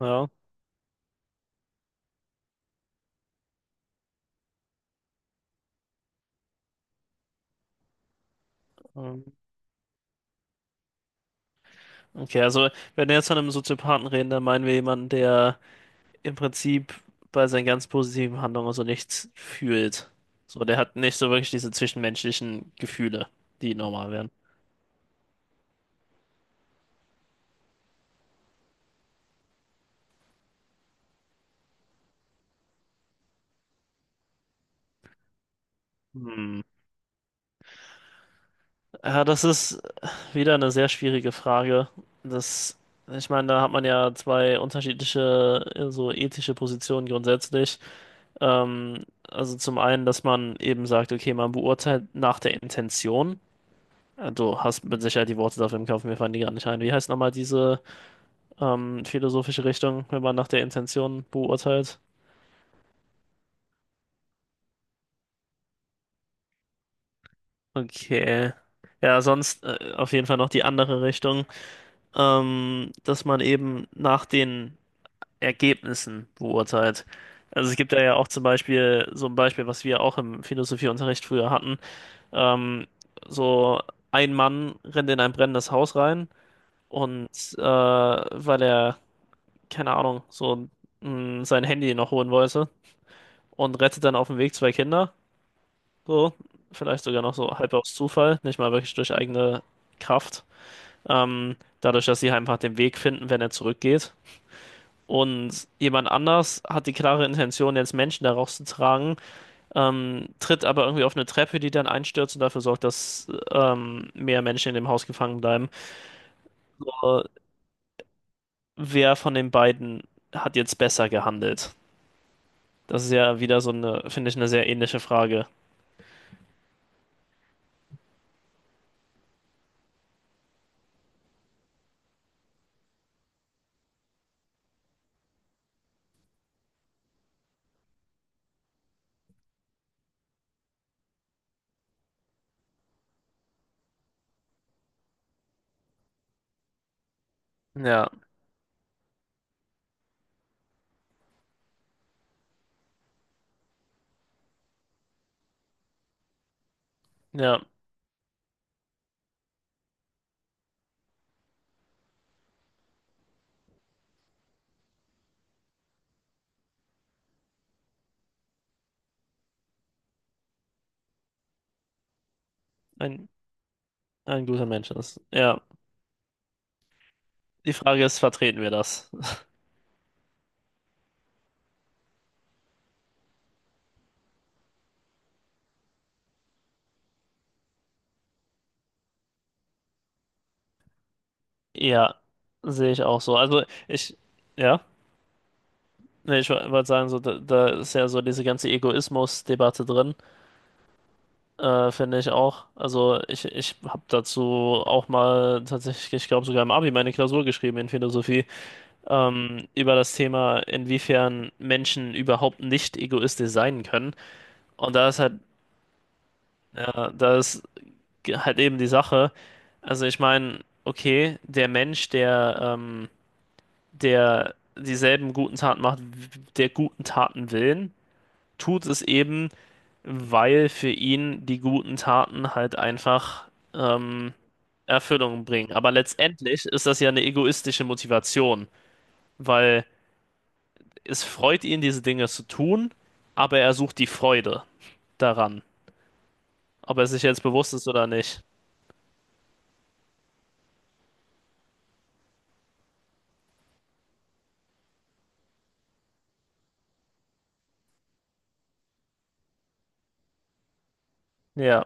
Ja. ähm, Okay, also wenn wir jetzt von einem Soziopathen reden, dann meinen wir jemanden, der im Prinzip bei seinen ganz positiven Handlungen so nichts fühlt. So, der hat nicht so wirklich diese zwischenmenschlichen Gefühle, die normal wären. Hm. Ja, das ist wieder eine sehr schwierige Frage. Das, ich meine, da hat man ja zwei unterschiedliche so ethische Positionen grundsätzlich. Also zum einen, dass man eben sagt, okay, man beurteilt nach der Intention. Ja, du hast mit Sicherheit die Worte dafür im Kopf, mir fallen die gerade nicht ein. Wie heißt nochmal diese philosophische Richtung, wenn man nach der Intention beurteilt? Okay. Ja, sonst auf jeden Fall noch die andere Richtung, dass man eben nach den Ergebnissen beurteilt. Also es gibt da ja auch zum Beispiel so ein Beispiel, was wir auch im Philosophieunterricht früher hatten. Ähm, so ein Mann rennt in ein brennendes Haus rein und weil er keine Ahnung, so sein Handy noch holen wollte und rettet dann auf dem Weg zwei Kinder. So, vielleicht sogar noch so halb aus Zufall, nicht mal wirklich durch eigene Kraft. Ähm, Dadurch, dass sie halt einfach den Weg finden, wenn er zurückgeht. Und jemand anders hat die klare Intention, jetzt Menschen da rauszutragen, tritt aber irgendwie auf eine Treppe, die dann einstürzt und dafür sorgt, dass mehr Menschen in dem Haus gefangen bleiben. Äh, wer von den beiden hat jetzt besser gehandelt? Das ist ja wieder so eine, finde ich, eine sehr ähnliche Frage. Ja, ja, ein, ein guter Mensch ist. Ja, die Frage ist, vertreten wir das? Ja, sehe ich auch so. Also ich, ja, nee, ich wollte sagen, so, da ist ja so diese ganze Egoismus-Debatte drin, finde ich auch. Also ich habe dazu auch mal tatsächlich, ich glaube sogar im Abi meine Klausur geschrieben in Philosophie, über das Thema, inwiefern Menschen überhaupt nicht egoistisch sein können. Und da ist halt, ja, da ist halt eben die Sache. Also ich meine, okay, der Mensch, der dieselben guten Taten macht, der guten Taten willen, tut es eben, weil für ihn die guten Taten halt einfach ähm, Erfüllung bringen. Aber letztendlich ist das ja eine egoistische Motivation, weil es freut ihn, diese Dinge zu tun, aber er sucht die Freude daran, ob er sich jetzt bewusst ist oder nicht. Ja,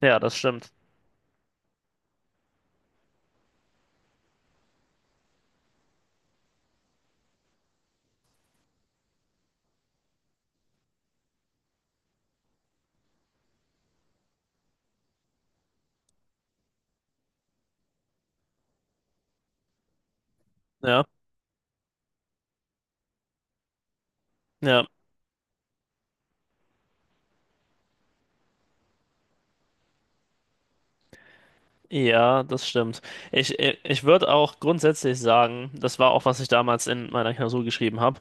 ja, das stimmt. Ja, ja. Ja, das stimmt. Ich würde auch grundsätzlich sagen, das war auch, was ich damals in meiner Klausur geschrieben habe,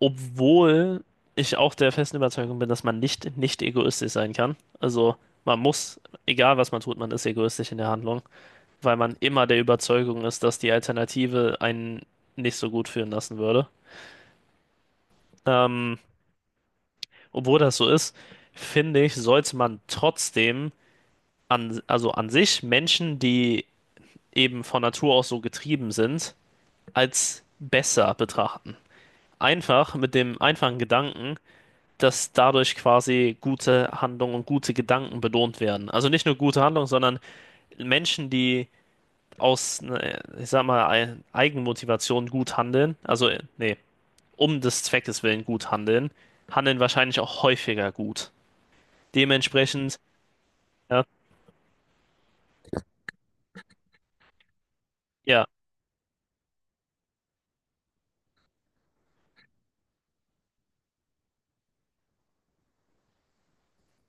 obwohl ich auch der festen Überzeugung bin, dass man nicht egoistisch sein kann. Also man muss, egal was man tut, man ist egoistisch in der Handlung, weil man immer der Überzeugung ist, dass die Alternative einen nicht so gut fühlen lassen würde. Ähm, Obwohl das so ist, finde ich, sollte man trotzdem also an sich Menschen, die eben von Natur aus so getrieben sind, als besser betrachten. Einfach mit dem einfachen Gedanken, dass dadurch quasi gute Handlungen und gute Gedanken belohnt werden. Also nicht nur gute Handlungen, sondern Menschen, die aus, ne, ich sag mal, Eigenmotivation gut handeln, also nee, um des Zweckes willen gut handeln, handeln wahrscheinlich auch häufiger gut. Dementsprechend, ja, ja,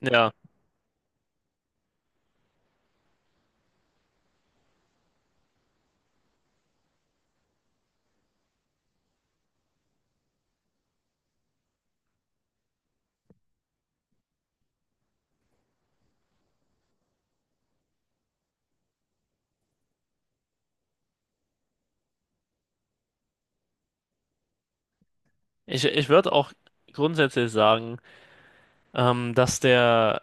ja. Ich würde auch grundsätzlich sagen, ähm, dass der,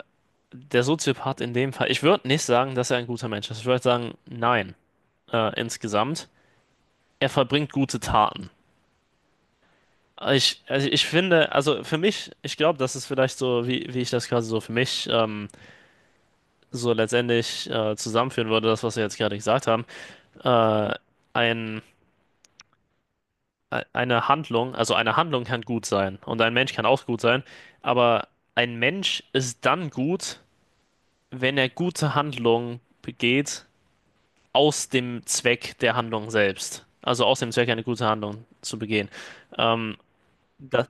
der Soziopath in dem Fall, ich würde nicht sagen, dass er ein guter Mensch ist. Ich würde sagen, nein, insgesamt. Er verbringt gute Taten. Ich finde, also für mich, ich glaube, das ist vielleicht so, wie ich das quasi so für mich so letztendlich zusammenführen würde, das, was wir jetzt gerade gesagt haben. Äh, ein, eine Handlung, also eine Handlung kann gut sein und ein Mensch kann auch gut sein, aber ein Mensch ist dann gut, wenn er gute Handlungen begeht aus dem Zweck der Handlung selbst. Also aus dem Zweck, eine gute Handlung zu begehen. Ähm, Das,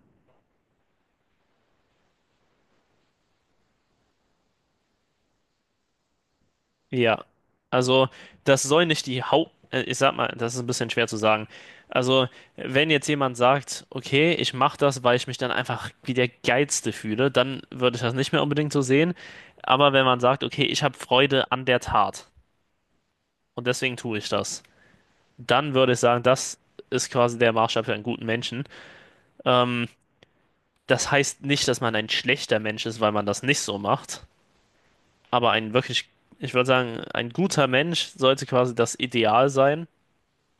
ja, also das soll nicht die Haupt... Ich sag mal, das ist ein bisschen schwer zu sagen. Also wenn jetzt jemand sagt, okay, ich mache das, weil ich mich dann einfach wie der Geilste fühle, dann würde ich das nicht mehr unbedingt so sehen. Aber wenn man sagt, okay, ich habe Freude an der Tat und deswegen tue ich das, dann würde ich sagen, das ist quasi der Maßstab für einen guten Menschen. Ähm, Das heißt nicht, dass man ein schlechter Mensch ist, weil man das nicht so macht. Aber ein wirklich, ich würde sagen, ein guter Mensch sollte quasi das Ideal sein,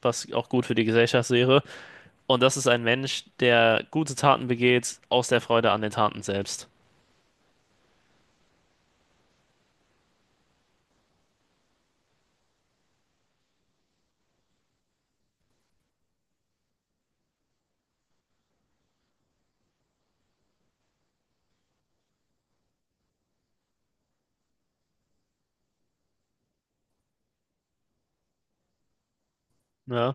was auch gut für die Gesellschaft wäre. Und das ist ein Mensch, der gute Taten begeht aus der Freude an den Taten selbst. Ja,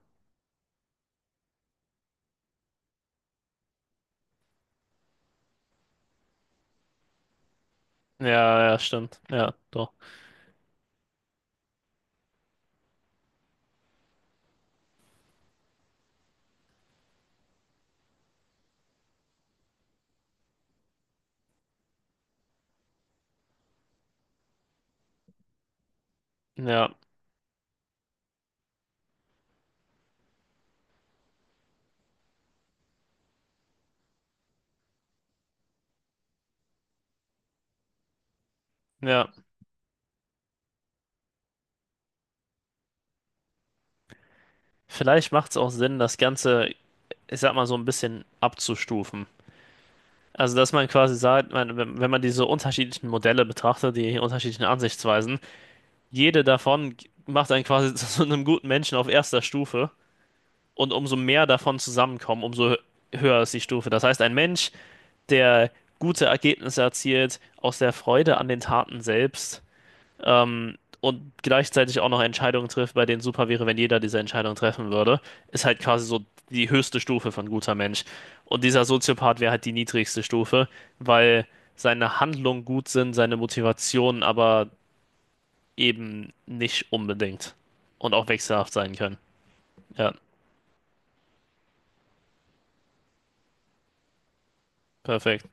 ja, ja, stimmt. Ja, doch. Ja, ja. Vielleicht macht es auch Sinn, das Ganze, ich sag mal, so ein bisschen abzustufen. Also, dass man quasi sagt, man, wenn man diese unterschiedlichen Modelle betrachtet, die unterschiedlichen Ansichtsweisen, jede davon macht einen quasi zu so einem guten Menschen auf erster Stufe. Und umso mehr davon zusammenkommen, höher ist die Stufe. Das heißt, ein Mensch, der gute Ergebnisse erzielt, aus der Freude an den Taten selbst, ähm, und gleichzeitig auch noch Entscheidungen trifft, bei denen super wäre, wenn jeder diese Entscheidung treffen würde, ist halt quasi so die höchste Stufe von guter Mensch. Und dieser Soziopath wäre halt die niedrigste Stufe, weil seine Handlungen gut sind, seine Motivationen aber eben nicht unbedingt und auch wechselhaft sein können. Ja, perfekt.